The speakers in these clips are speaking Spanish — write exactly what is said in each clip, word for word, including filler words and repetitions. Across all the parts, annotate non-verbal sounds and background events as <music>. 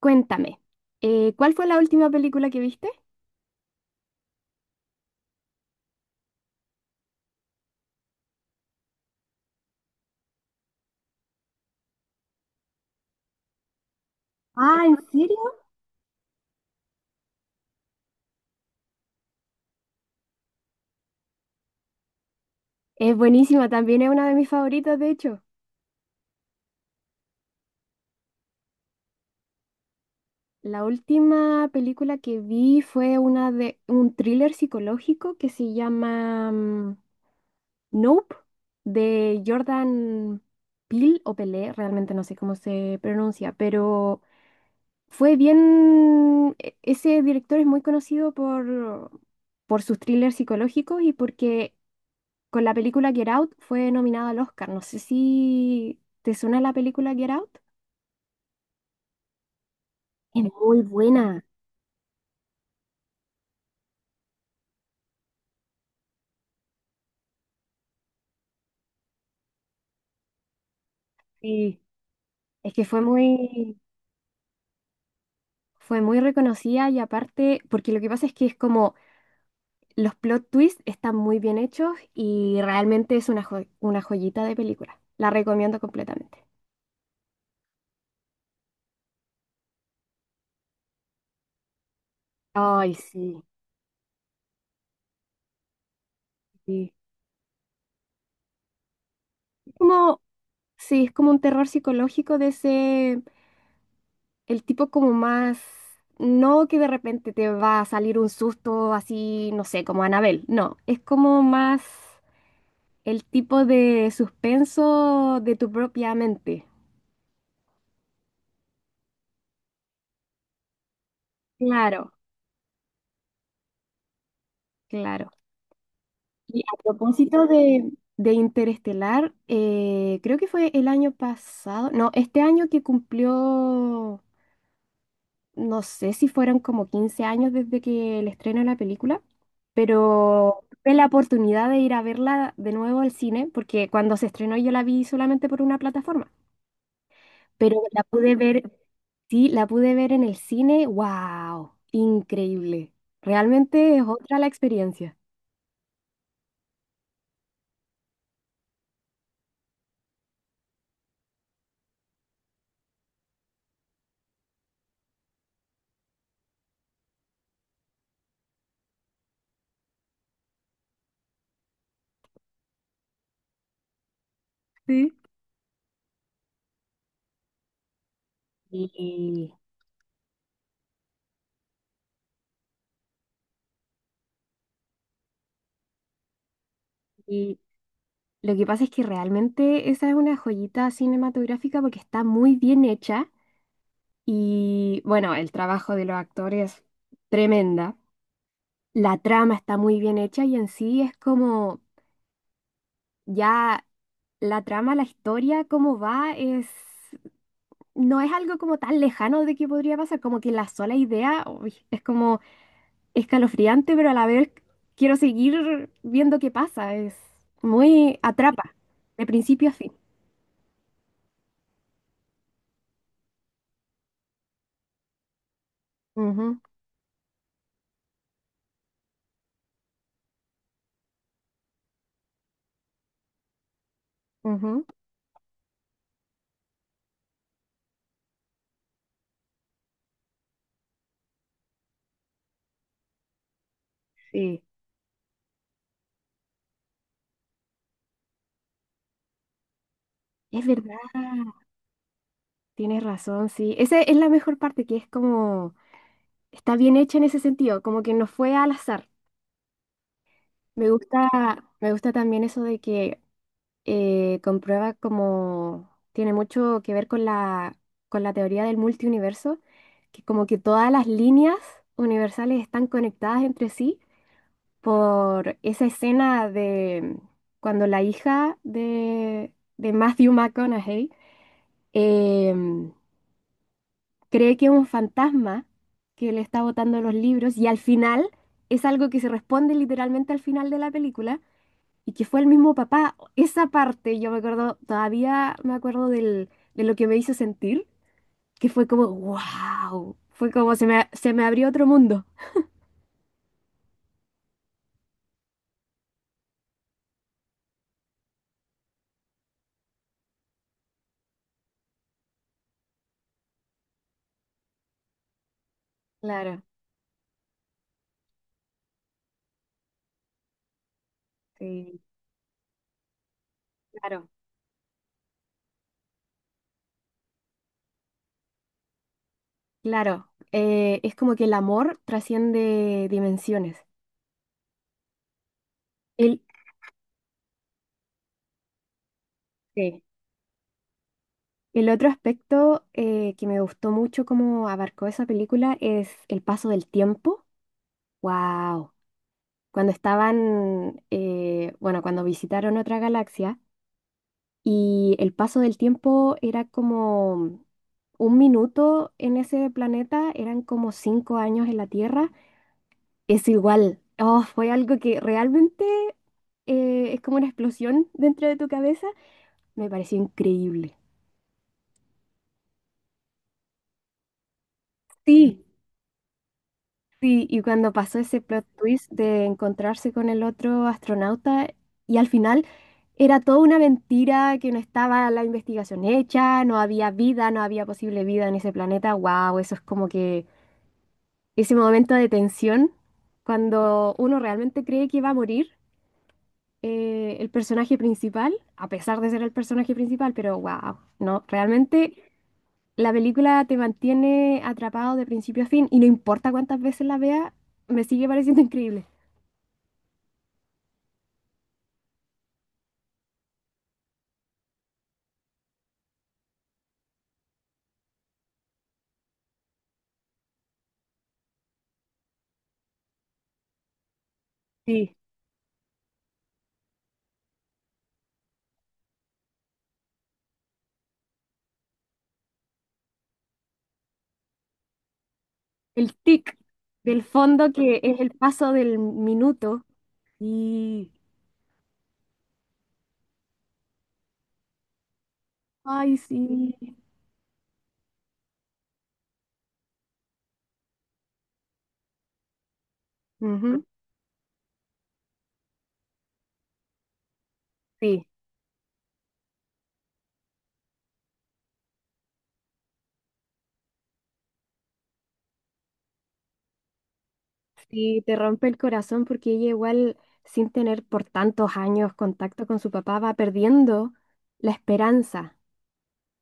Cuéntame, eh, ¿cuál fue la última película que viste? Ah, ¿en serio? Es buenísima, también es una de mis favoritas, de hecho. La última película que vi fue una de un thriller psicológico que se llama mm, Nope, de Jordan Peele o Pelé, realmente no sé cómo se pronuncia, pero fue bien. e- Ese director es muy conocido por, por sus thrillers psicológicos y porque con la película Get Out fue nominada al Oscar. No sé si te suena la película Get Out. Es muy buena. Sí. Es que fue muy, fue muy reconocida y aparte, porque lo que pasa es que es como los plot twists están muy bien hechos y realmente es una, jo- una joyita de película. La recomiendo completamente. Ay, sí, sí. Como, sí, es como un terror psicológico de ese. El tipo como más, no que de repente te va a salir un susto así, no sé, como Anabel, no, es como más el tipo de suspenso de tu propia mente. Claro. Claro. Y a propósito de, De Interestelar, eh, creo que fue el año pasado, no, este año que cumplió, no sé si fueron como quince años desde que el estreno de la película, pero tuve la oportunidad de ir a verla de nuevo al cine, porque cuando se estrenó yo la vi solamente por una plataforma, pero la pude ver, sí, la pude ver en el cine, wow, increíble. Realmente es otra la experiencia. Sí. Y, y lo que pasa es que realmente esa es una joyita cinematográfica porque está muy bien hecha y bueno, el trabajo de los actores tremenda. La trama está muy bien hecha y en sí es como ya la trama, la historia, cómo va, es, no es algo como tan lejano de que podría pasar, como que la sola idea uy, es como escalofriante, pero a la vez quiero seguir viendo qué pasa, es muy atrapa, de principio a fin. Ujú, ujú, sí, es verdad, tienes razón, sí. Esa es la mejor parte, que es como está bien hecha en ese sentido, como que no fue al azar. Me gusta, me gusta también eso de que eh, comprueba como tiene mucho que ver con la, con la, teoría del multiuniverso, que como que todas las líneas universales están conectadas entre sí por esa escena de cuando la hija de, de Matthew McConaughey, em, cree que es un fantasma que le está botando los libros y al final es algo que se responde literalmente al final de la película y que fue el mismo papá. Esa parte, yo me acuerdo, todavía me acuerdo del, de lo que me hizo sentir, que fue como wow, fue como se me, se me abrió otro mundo. Claro, sí, claro, claro. Eh, es como que el amor trasciende dimensiones. El, sí. El otro aspecto eh, que me gustó mucho como abarcó esa película es el paso del tiempo. Wow. Cuando estaban, eh, bueno, cuando visitaron otra galaxia, y el paso del tiempo era como un minuto en ese planeta, eran como cinco años en la Tierra. Es igual. Oh, fue algo que realmente, eh, es como una explosión dentro de tu cabeza. Me pareció increíble. Sí. Sí, y cuando pasó ese plot twist de encontrarse con el otro astronauta y al final era toda una mentira, que no estaba la investigación hecha, no había vida, no había posible vida en ese planeta, wow, eso es como que ese momento de tensión, cuando uno realmente cree que va a morir, eh, el personaje principal, a pesar de ser el personaje principal, pero wow, no, realmente la película te mantiene atrapado de principio a fin y no importa cuántas veces la vea, me sigue pareciendo increíble. Sí, el tic del fondo que es el paso del minuto. Y ay, sí. Ujú. Sí. Sí, te rompe el corazón porque ella igual, sin tener por tantos años contacto con su papá, va perdiendo la esperanza.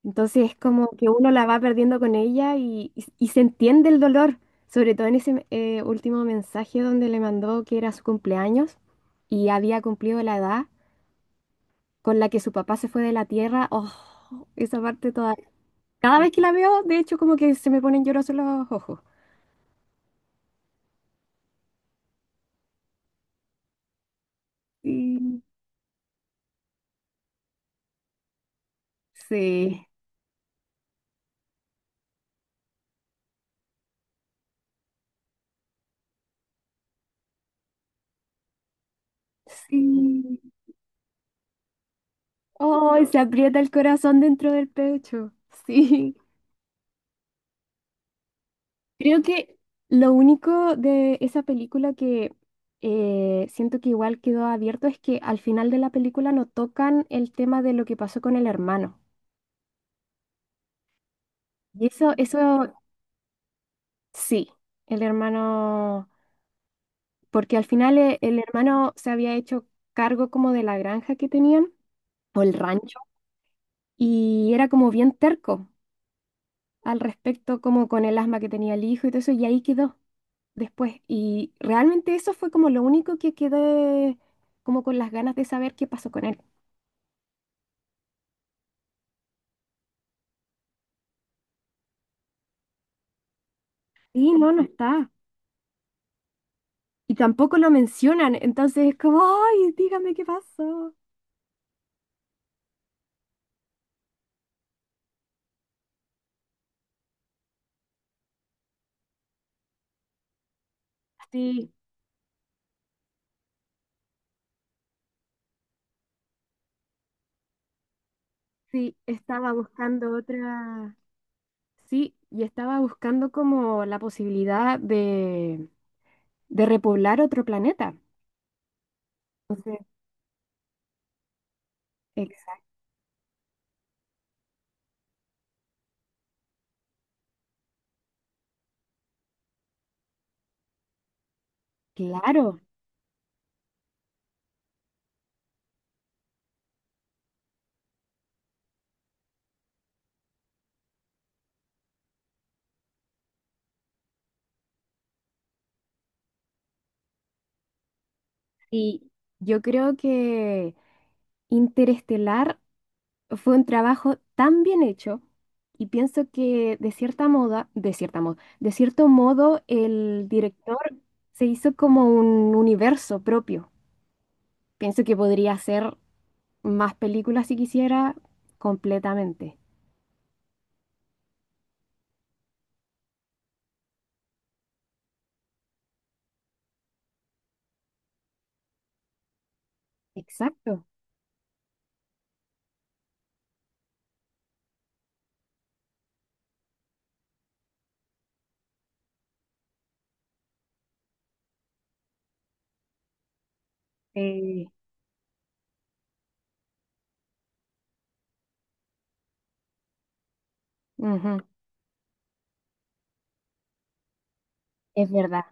Entonces es como que uno la va perdiendo con ella y, y- y se entiende el dolor, sobre todo en ese eh, último mensaje donde le mandó que era su cumpleaños y había cumplido la edad con la que su papá se fue de la tierra. Oh, esa parte toda. Cada vez que la veo, de hecho, como que se me ponen llorosos los ojos. Sí, sí. Sí. Ay, se aprieta el corazón dentro del pecho. <laughs> Sí. Creo que lo único de esa película que eh, siento que igual quedó abierto es que al final de la película no tocan el tema de lo que pasó con el hermano. Y eso, eso sí, el hermano, porque al final, eh, el hermano se había hecho cargo como de la granja que tenían, o el rancho, y era como bien terco al respecto, como con el asma que tenía el hijo y todo eso, y ahí quedó después. Y realmente eso fue como lo único que quedé como con las ganas de saber qué pasó con él. Sí, no, no está. Y tampoco lo mencionan, entonces es como, ay, dígame qué pasó. Sí, sí, estaba buscando otra, sí, y estaba buscando como la posibilidad de, de repoblar otro planeta. Entonces, exacto, claro. Y yo creo que Interestelar fue un trabajo tan bien hecho y pienso que de cierta moda, de cierta moda, de cierto modo el director se hizo como un universo propio. Pienso que podría hacer más películas si quisiera completamente. Exacto. Eh, Ujú, es verdad.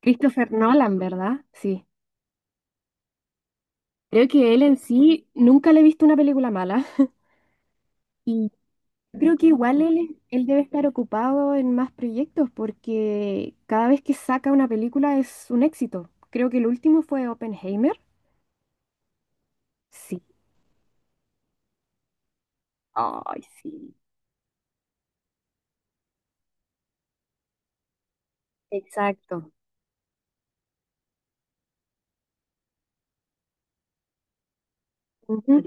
Christopher Nolan, ¿verdad? Sí. Creo que él en sí nunca le he visto una película mala. Yo creo que igual él, él debe estar ocupado en más proyectos porque cada vez que saca una película es un éxito. Creo que el último fue Oppenheimer. Sí. Ay, sí. Exacto. Ujú,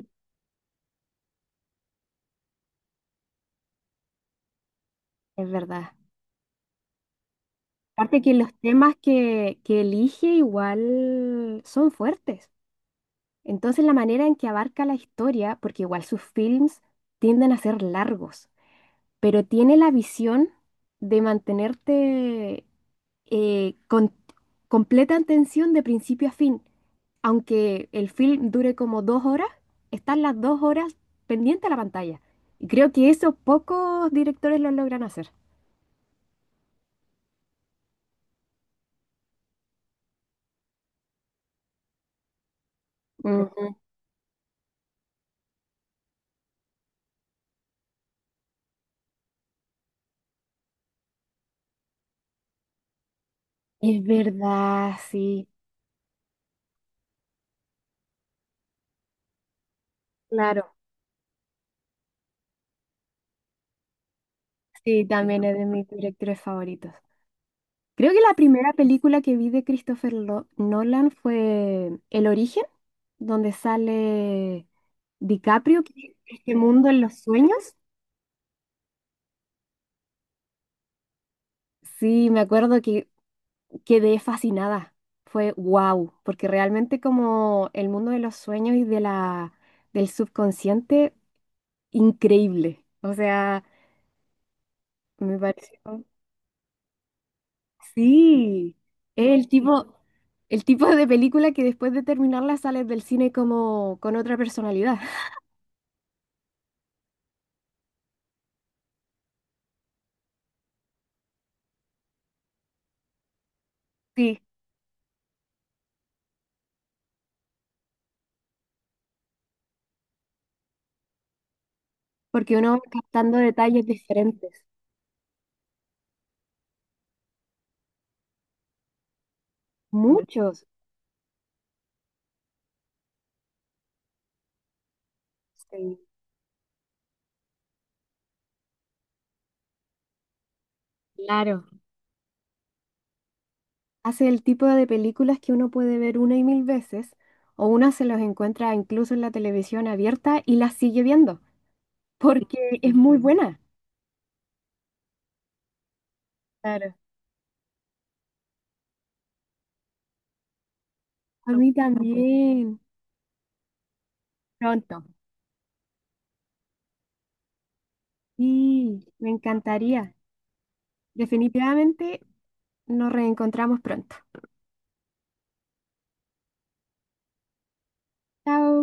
es verdad. Aparte que los temas que, que elige igual son fuertes. Entonces la manera en que abarca la historia, porque igual sus films tienden a ser largos, pero tiene la visión de mantenerte, eh, con completa atención de principio a fin. Aunque el film dure como dos horas, están las dos horas pendiente a la pantalla. Y creo que eso pocos directores lo logran hacer. Ujú. Es verdad, sí, claro. Sí, también es de mis directores favoritos. Creo que la primera película que vi de Christopher Lo- Nolan fue El Origen, donde sale DiCaprio, que- es este mundo en los sueños. Sí, me acuerdo que quedé fascinada. Fue wow, porque realmente como el mundo de los sueños y de la, del subconsciente, increíble. O sea, me pareció. Sí, es el tipo, el tipo de película que después de terminarla sales del cine como con otra personalidad. Sí, porque uno va captando detalles diferentes, muchos. Sí. Claro. Hace el tipo de películas que uno puede ver una y mil veces, o una se los encuentra incluso en la televisión abierta y las sigue viendo, porque es muy buena. Claro. A mí también, pronto. Sí, me encantaría. Definitivamente nos reencontramos pronto. Chao.